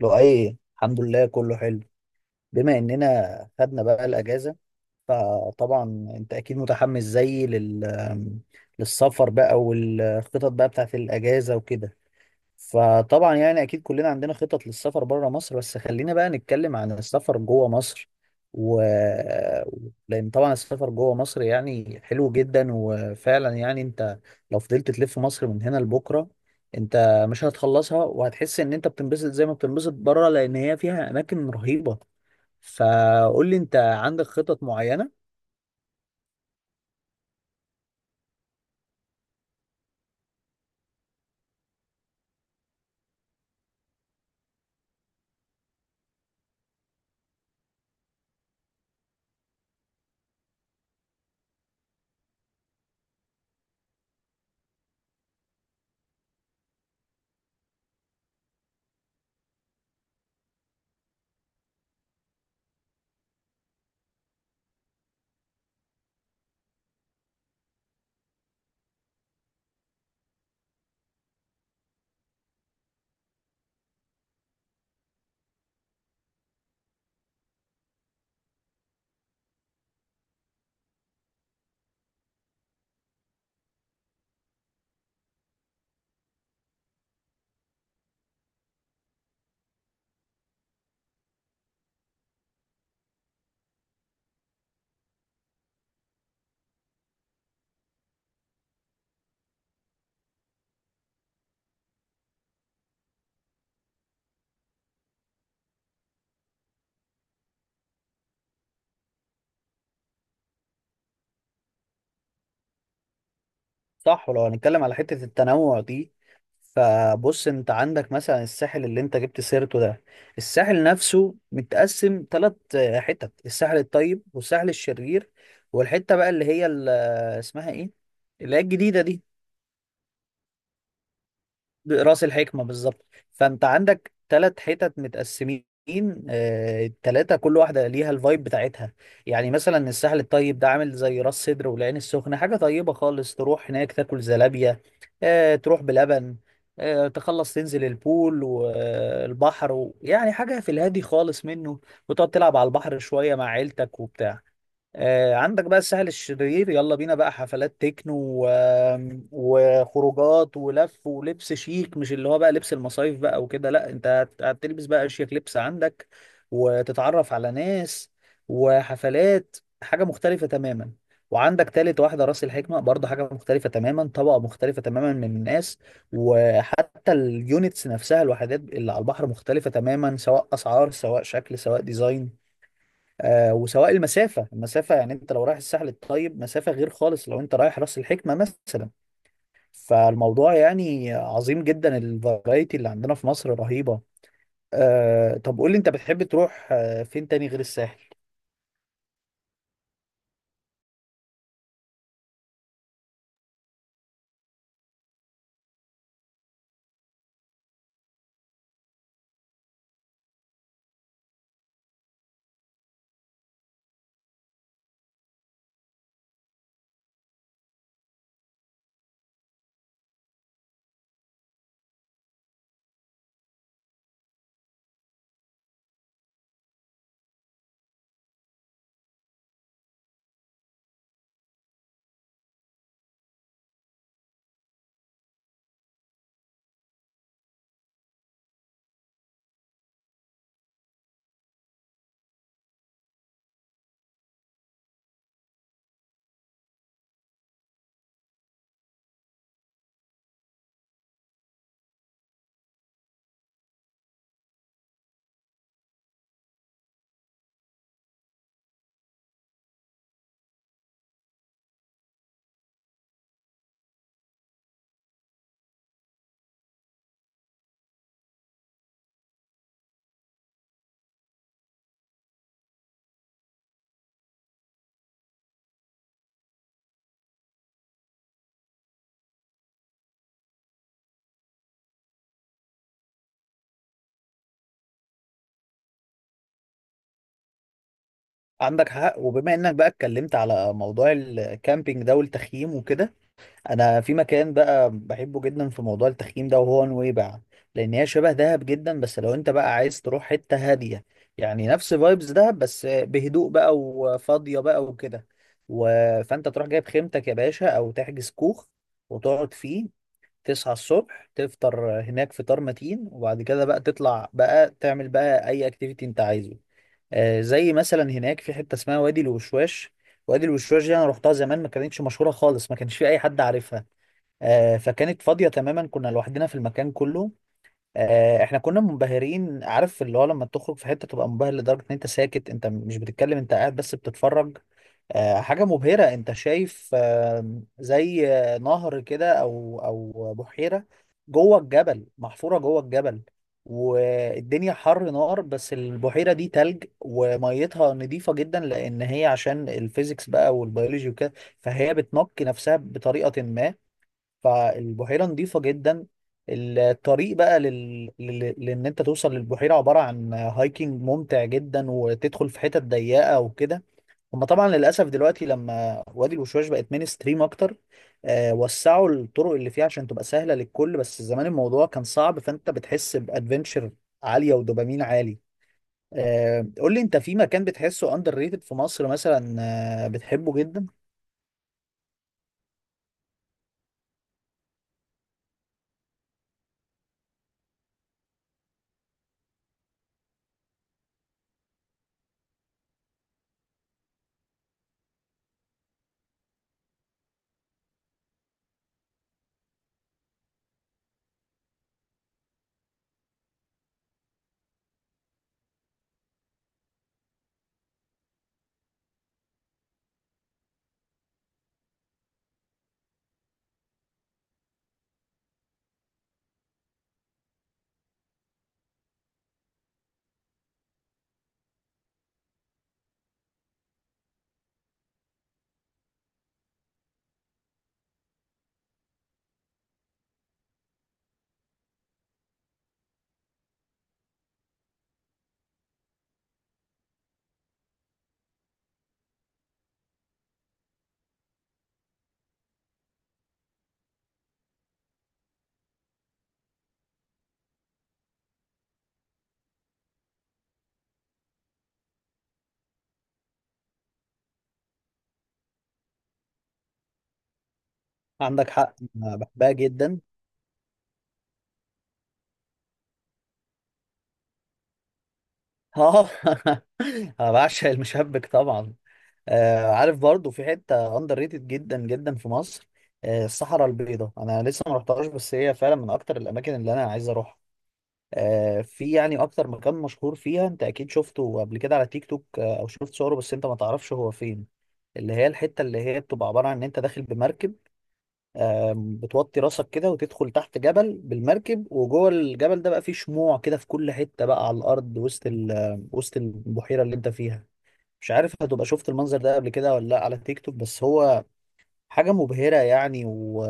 لو ايه الحمد لله، كله حلو. بما اننا خدنا بقى الاجازه، فطبعا انت اكيد متحمس زيي للسفر بقى، والخطط بقى بتاعت الاجازه وكده. فطبعا يعني اكيد كلنا عندنا خطط للسفر بره مصر، بس خلينا بقى نتكلم عن السفر جوه مصر. و... لان طبعا السفر جوه مصر يعني حلو جدا، وفعلا يعني انت لو فضلت تلف مصر من هنا لبكره انت مش هتخلصها، وهتحس ان انت بتنبسط زي ما بتنبسط بره، لان هي فيها اماكن رهيبه. فقول لي، انت عندك خطط معينه؟ صح. ولو هنتكلم على حتة التنوع دي، فبص، انت عندك مثلا الساحل اللي انت جبت سيرته ده. الساحل نفسه متقسم ثلاث حتت: الساحل الطيب، والساحل الشرير، والحتة بقى اللي هي اسمها ايه، اللي هي الجديدة دي. راس الحكمة بالظبط. فانت عندك ثلاث حتت متقسمين. التلاتة كل واحدة ليها الفايب بتاعتها. يعني مثلا الساحل الطيب ده عامل زي راس سدر والعين السخنة، حاجة طيبة خالص، تروح هناك تاكل زلابية، تروح بلبن، تخلص تنزل البول والبحر يعني حاجة في الهادي خالص منه، وتقعد تلعب على البحر شوية مع عيلتك وبتاع. عندك بقى الساحل الشرير، يلا بينا بقى حفلات تكنو و- وخروجات ولف ولبس شيك، مش اللي هو بقى لبس المصايف بقى وكده، لا انت هتلبس بقى اشيك لبس. عندك وتتعرف على ناس وحفلات، حاجة مختلفة تماما. وعندك تالت واحدة راس الحكمة، برضه حاجة مختلفة تماما، طبقة مختلفة تماما من الناس. وحتى اليونتس نفسها، الوحدات اللي على البحر مختلفة تماما، سواء أسعار سواء شكل سواء ديزاين. آه، وسواء المسافة. المسافة يعني انت لو رايح الساحل الطيب مسافة غير خالص لو انت رايح راس الحكمة مثلا. فالموضوع يعني عظيم جدا، الفرايتي اللي عندنا في مصر رهيبة. آه، طب قول لي، انت بتحب تروح فين تاني غير الساحل؟ عندك حق. وبما انك بقى اتكلمت على موضوع الكامبينج ده والتخييم وكده، انا في مكان بقى بحبه جدا في موضوع التخييم ده وهو نويبع. لان هي شبه دهب جدا، بس لو انت بقى عايز تروح حتة هادية، يعني نفس فايبز دهب بس بهدوء بقى وفاضية بقى وكده. و... فانت تروح جايب خيمتك يا باشا، او تحجز كوخ وتقعد فيه. تصحى الصبح تفطر هناك فطار متين، وبعد كده بقى تطلع بقى تعمل بقى اي اكتيفيتي انت عايزه. زي مثلا هناك في حته اسمها وادي الوشواش. وادي الوشواش دي انا رحتها زمان، ما كانتش مشهوره خالص، ما كانش في اي حد عارفها. فكانت فاضيه تماما، كنا لوحدنا في المكان كله. احنا كنا منبهرين، عارف اللي هو لما تخرج في حته تبقى منبهر لدرجه ان انت ساكت، انت مش بتتكلم، انت قاعد بس بتتفرج. حاجة مبهرة، انت شايف زي نهر كده او بحيرة جوه الجبل، محفورة جوه الجبل، والدنيا حر نار بس البحيرة دي تلج، وميتها نظيفة جدا لان هي عشان الفيزيكس بقى والبيولوجي وكده، فهي بتنقي نفسها بطريقة ما، فالبحيرة نظيفة جدا. الطريق بقى لان انت توصل للبحيرة عبارة عن هايكنج ممتع جدا، وتدخل في حتت ضيقة وكده. هما طبعا للاسف دلوقتي لما وادي الوشواش بقت مين ستريم اكتر، آه، وسعوا الطرق اللي فيها عشان تبقى سهله للكل، بس زمان الموضوع كان صعب، فانت بتحس بادفنتشر عاليه ودوبامين عالي. آه، قول لي، انت في مكان بتحسه اندر ريتد في مصر مثلا، بتحبه جدا؟ عندك حق، أنا بحبها جدا. اه. انا بعشق المشبك طبعا. آه، عارف؟ برضو في حته اندر ريتد جدا جدا في مصر، آه، الصحراء البيضاء. انا لسه ما رحتهاش، بس هي فعلا من اكتر الاماكن اللي انا عايز اروحها. في يعني اكتر مكان مشهور فيها انت اكيد شفته قبل كده على تيك توك، او شفت صوره بس انت ما تعرفش هو فين. اللي هي الحته اللي هي بتبقى عباره عن ان انت داخل بمركب، بتوطي راسك كده وتدخل تحت جبل بالمركب، وجوه الجبل ده بقى فيه شموع كده في كل حته بقى على الارض وسط وسط البحيره اللي انت فيها. مش عارف هتبقى شفت المنظر ده قبل كده ولا لا على تيك توك، بس هو حاجه مبهره يعني.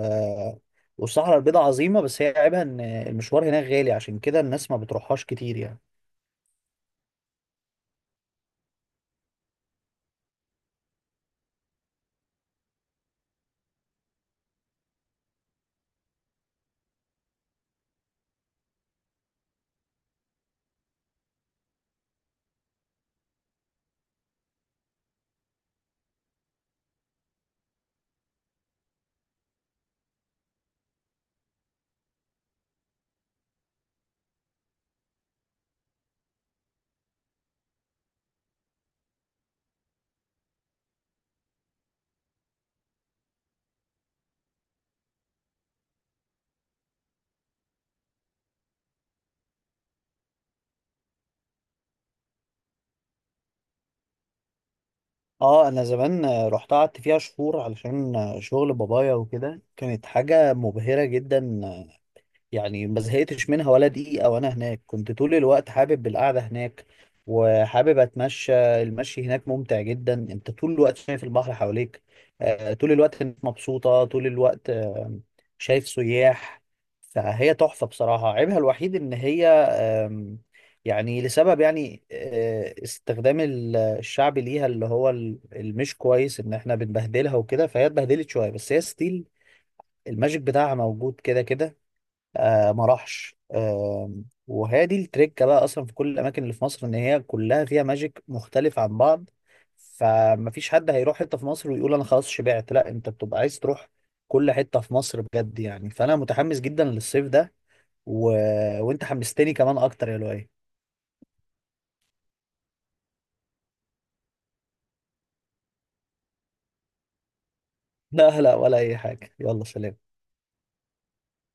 والصحراء البيضاء عظيمة، بس هي عيبها إن المشوار هناك غالي، عشان كده الناس ما بتروحهاش كتير يعني. اه، انا زمان رحت قعدت فيها شهور علشان شغل بابايا وكده، كانت حاجة مبهرة جدا. يعني ما زهقتش منها ولا دقيقة، وأنا هناك كنت طول الوقت حابب القعدة هناك، وحابب أتمشى. المشي هناك ممتع جدا، أنت طول الوقت شايف البحر حواليك، طول الوقت الناس مبسوطة طول الوقت، شايف سياح. فهي تحفة بصراحة. عيبها الوحيد إن هي يعني لسبب يعني استخدام الشعب ليها اللي هو المش كويس إن إحنا بنبهدلها وكده، فهي اتبهدلت شوية بس هي ستيل الماجيك بتاعها موجود كده كده، آه، ما راحش آه. وهي دي التركه بقى اصلا في كل الاماكن اللي في مصر، ان هي كلها فيها ماجيك مختلف عن بعض. فمفيش حد هيروح حته في مصر ويقول انا خلاص شبعت، لا انت بتبقى عايز تروح كل حته في مصر بجد يعني. فانا متحمس جدا للصيف ده، و... وانت حمستني كمان اكتر يا لؤي. لا لا، ولا اي حاجه، يلا سلام.